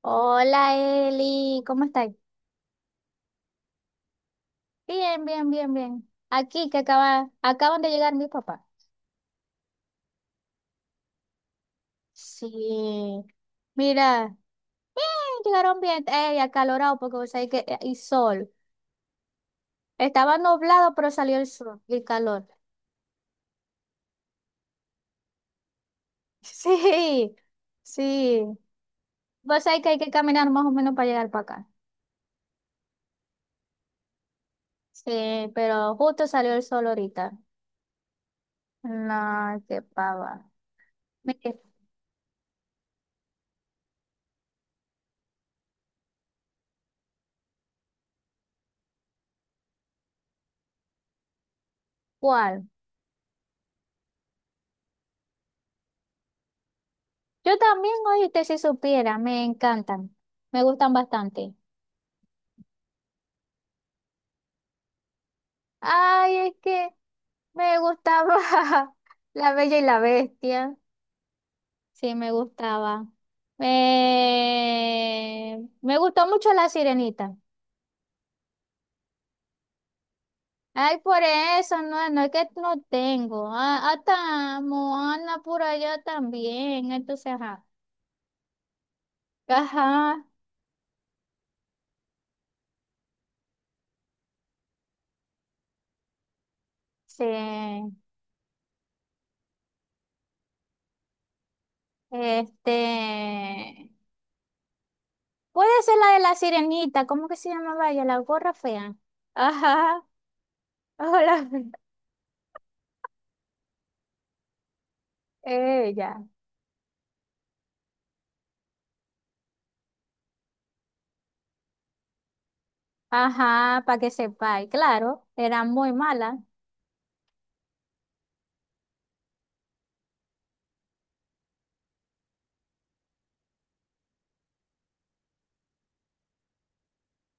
Hola Eli, ¿cómo estás? Bien, bien, bien, bien. Aquí que acaban de llegar mis papás. Sí, mira, llegaron bien, acalorado porque vos sabés que y sol. Estaba nublado, pero salió el sol y el calor. Sí, sí. Vos sabés que hay que caminar más o menos para llegar para acá. Sí, pero justo salió el sol ahorita. No, qué pava. Mire, ¿cuál? Yo también, oíste, si supiera, me encantan. Me gustan bastante. Ay, es que me gustaba La Bella y la Bestia. Sí, me gustaba. Me gustó mucho La Sirenita. Ay, por eso, no, no es que no tengo. Ah, hasta Moana por allá también. Entonces, ajá. Ajá, sí. Este. Puede ser la de la sirenita. ¿Cómo que se llamaba ella? La gorra fea. Ajá. Hola. Ella. Ajá, para que sepáis, claro, era muy mala.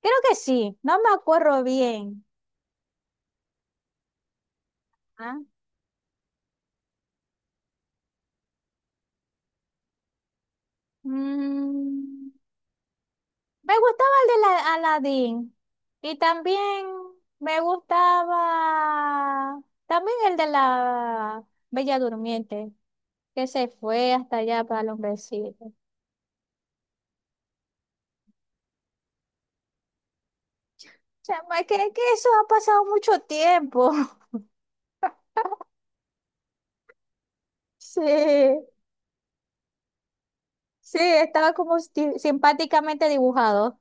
Creo que sí, no me acuerdo bien. ¿Ah? Mm, me gustaba el de la Aladdin y también me gustaba también el de la Bella Durmiente, que se fue hasta allá para los besitos. Chama sea, ma, que, es que eso ha pasado mucho tiempo. Sí, sí, estaba como simpáticamente dibujado.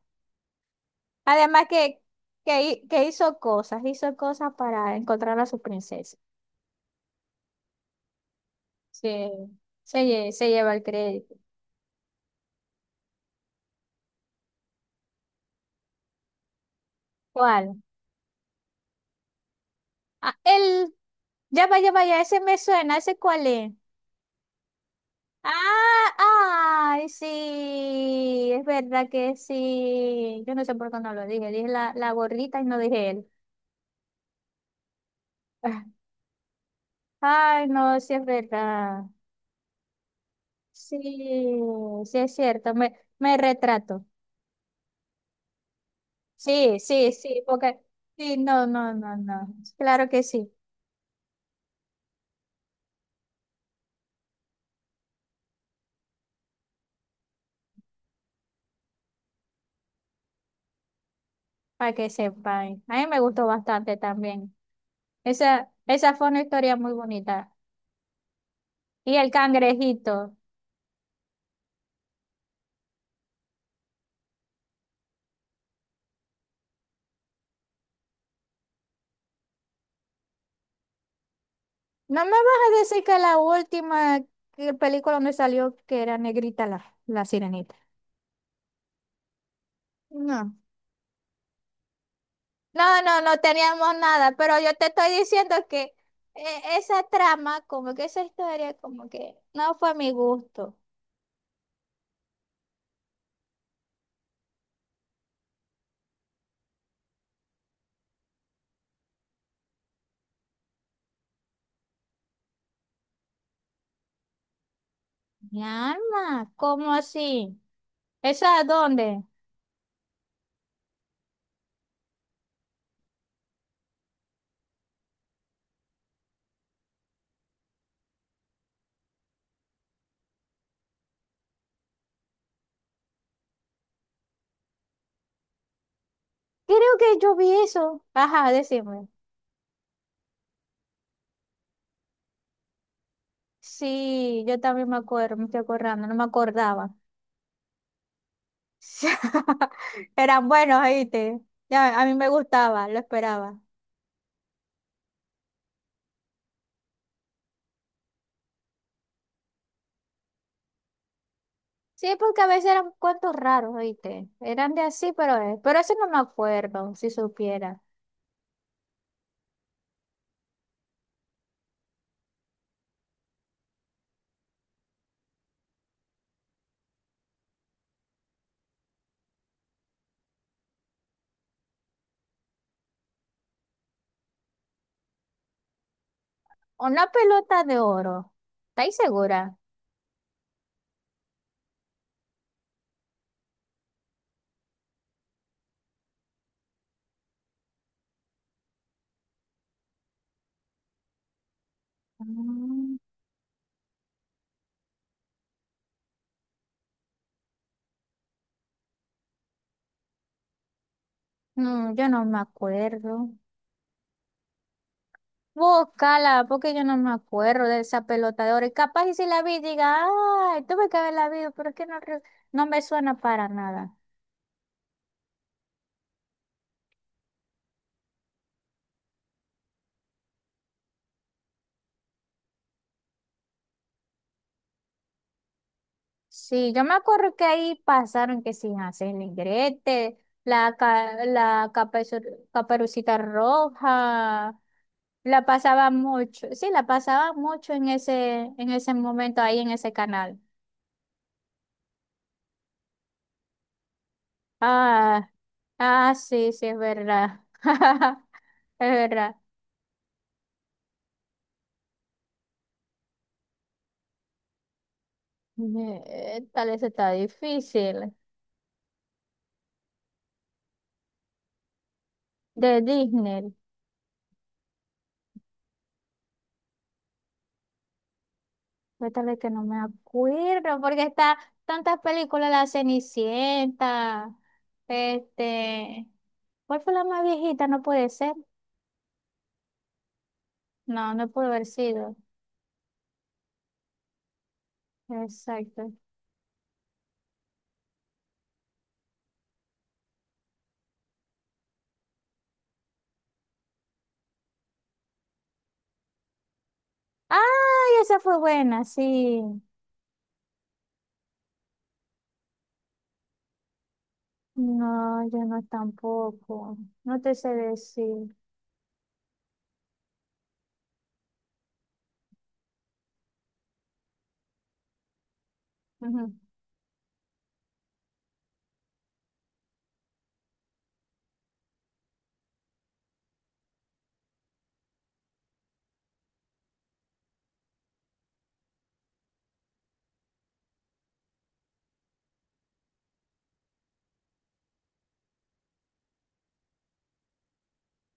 Además que hizo cosas para encontrar a su princesa. Sí, se lleva el crédito. ¿Cuál? Ah, él, ya vaya, vaya, ese me suena, ¿ese cuál es? Ah, ay, sí, es verdad que sí. Yo no sé por qué no lo dije, dije la gorrita y no dije él. Ah, ay, no, sí es verdad. Sí, sí es cierto, me retrato. Sí, sí, sí, porque sí, no, no, no, no. Claro que sí, para que sepan. A mí me gustó bastante también. Esa fue una historia muy bonita. Y el cangrejito. No me vas a decir que película donde salió que era negrita la sirenita. No. No, no, no teníamos nada, pero yo te estoy diciendo que esa trama, como que esa historia, como que no fue a mi gusto. Mi alma, ¿cómo así? ¿Esa a dónde? Creo que yo vi eso. Ajá, decime. Sí, yo también me acuerdo, me estoy acordando, no me acordaba. Eran buenos, ¿oíste? Ya, a mí me gustaba, lo esperaba. Sí, porque a veces eran cuentos raros, ¿oíste? Eran de así, pero eso no me acuerdo, si supiera. Una pelota de oro. ¿Estáis segura? Mm, No, yo no me acuerdo. Búscala, porque yo no me acuerdo de esa pelota de oro. Y capaz y si la vi, diga, ay, tuve que haberla visto, pero es que no, no me suena para nada. Sí, yo me acuerdo que ahí pasaron que sin hacer Negrete, la caperucita roja, la pasaba mucho, sí, la pasaba mucho en ese momento ahí en ese canal. Ah, ah, sí, sí, es verdad. Es verdad. Tal vez está difícil. De Disney. Cuéntale que no me acuerdo, porque está tantas películas, La Cenicienta, este, ¿cuál fue la más viejita? No puede ser. No, no puede haber sido. Exacto. ¡Ay, esa fue buena! Sí. No, yo no tampoco. No te sé decir. Ujú.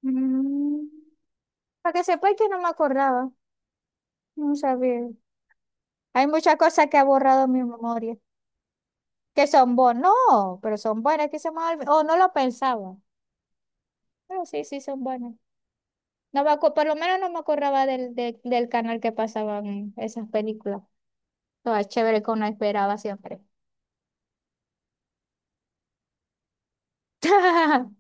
Mm, para que sepa que no me acordaba. No sabía. Hay muchas cosas que ha borrado mi memoria. Que son buenos no, pero son buenas, que o no lo pensaba, pero sí, sí, son buenas. No me por lo menos no me acordaba del canal que pasaban esas películas. Todas chévere que uno esperaba siempre.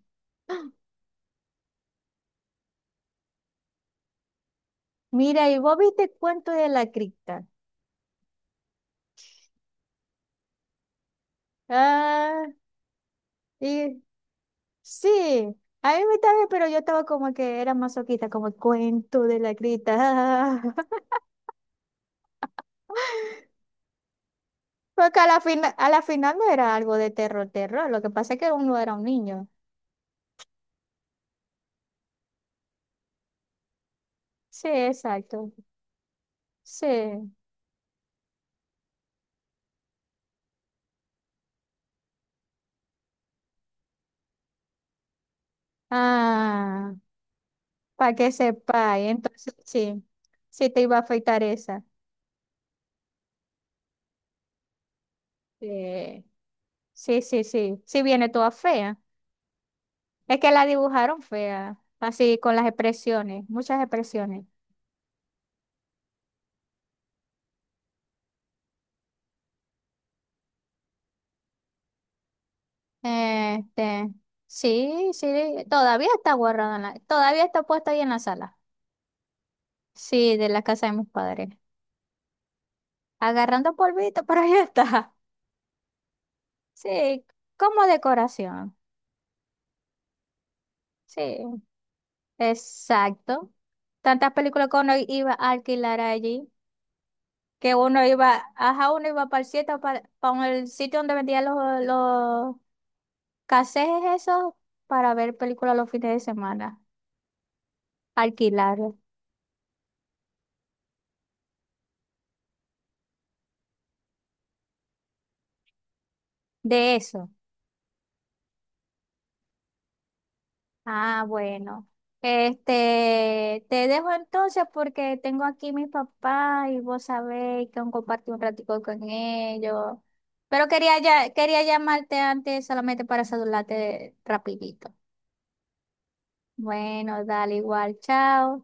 Mira, y vos viste cuento de la cripta. Ah, y sí, a mí me también, pero yo estaba como que era masoquista, como cuento de la cripta. Ah. Porque a la final no era algo de terror, terror. Lo que pasa es que uno era un niño. Sí, exacto. Sí. Ah, para que sepáis. Entonces, sí. Sí te iba a afeitar esa. Sí. Sí, sí, sí. Sí viene toda fea. Es que la dibujaron fea. Así con las expresiones. Muchas expresiones. Este. Sí, sí. Todavía está guardada en todavía está puesta ahí en la sala. Sí, de la casa de mis padres. Agarrando polvito, pero ahí está. Sí, como decoración. Sí. Exacto. Tantas películas que uno iba a alquilar allí, que uno iba, ajá, uno iba para el sitio, para el sitio donde vendían los casetes esos, para ver películas los fines de semana, alquilar de eso. Ah, bueno. Este, te dejo entonces porque tengo aquí mis papás y vos sabéis que compartir un ratico con ellos. Pero quería ya, quería llamarte antes solamente para saludarte rapidito. Bueno, dale igual, chao.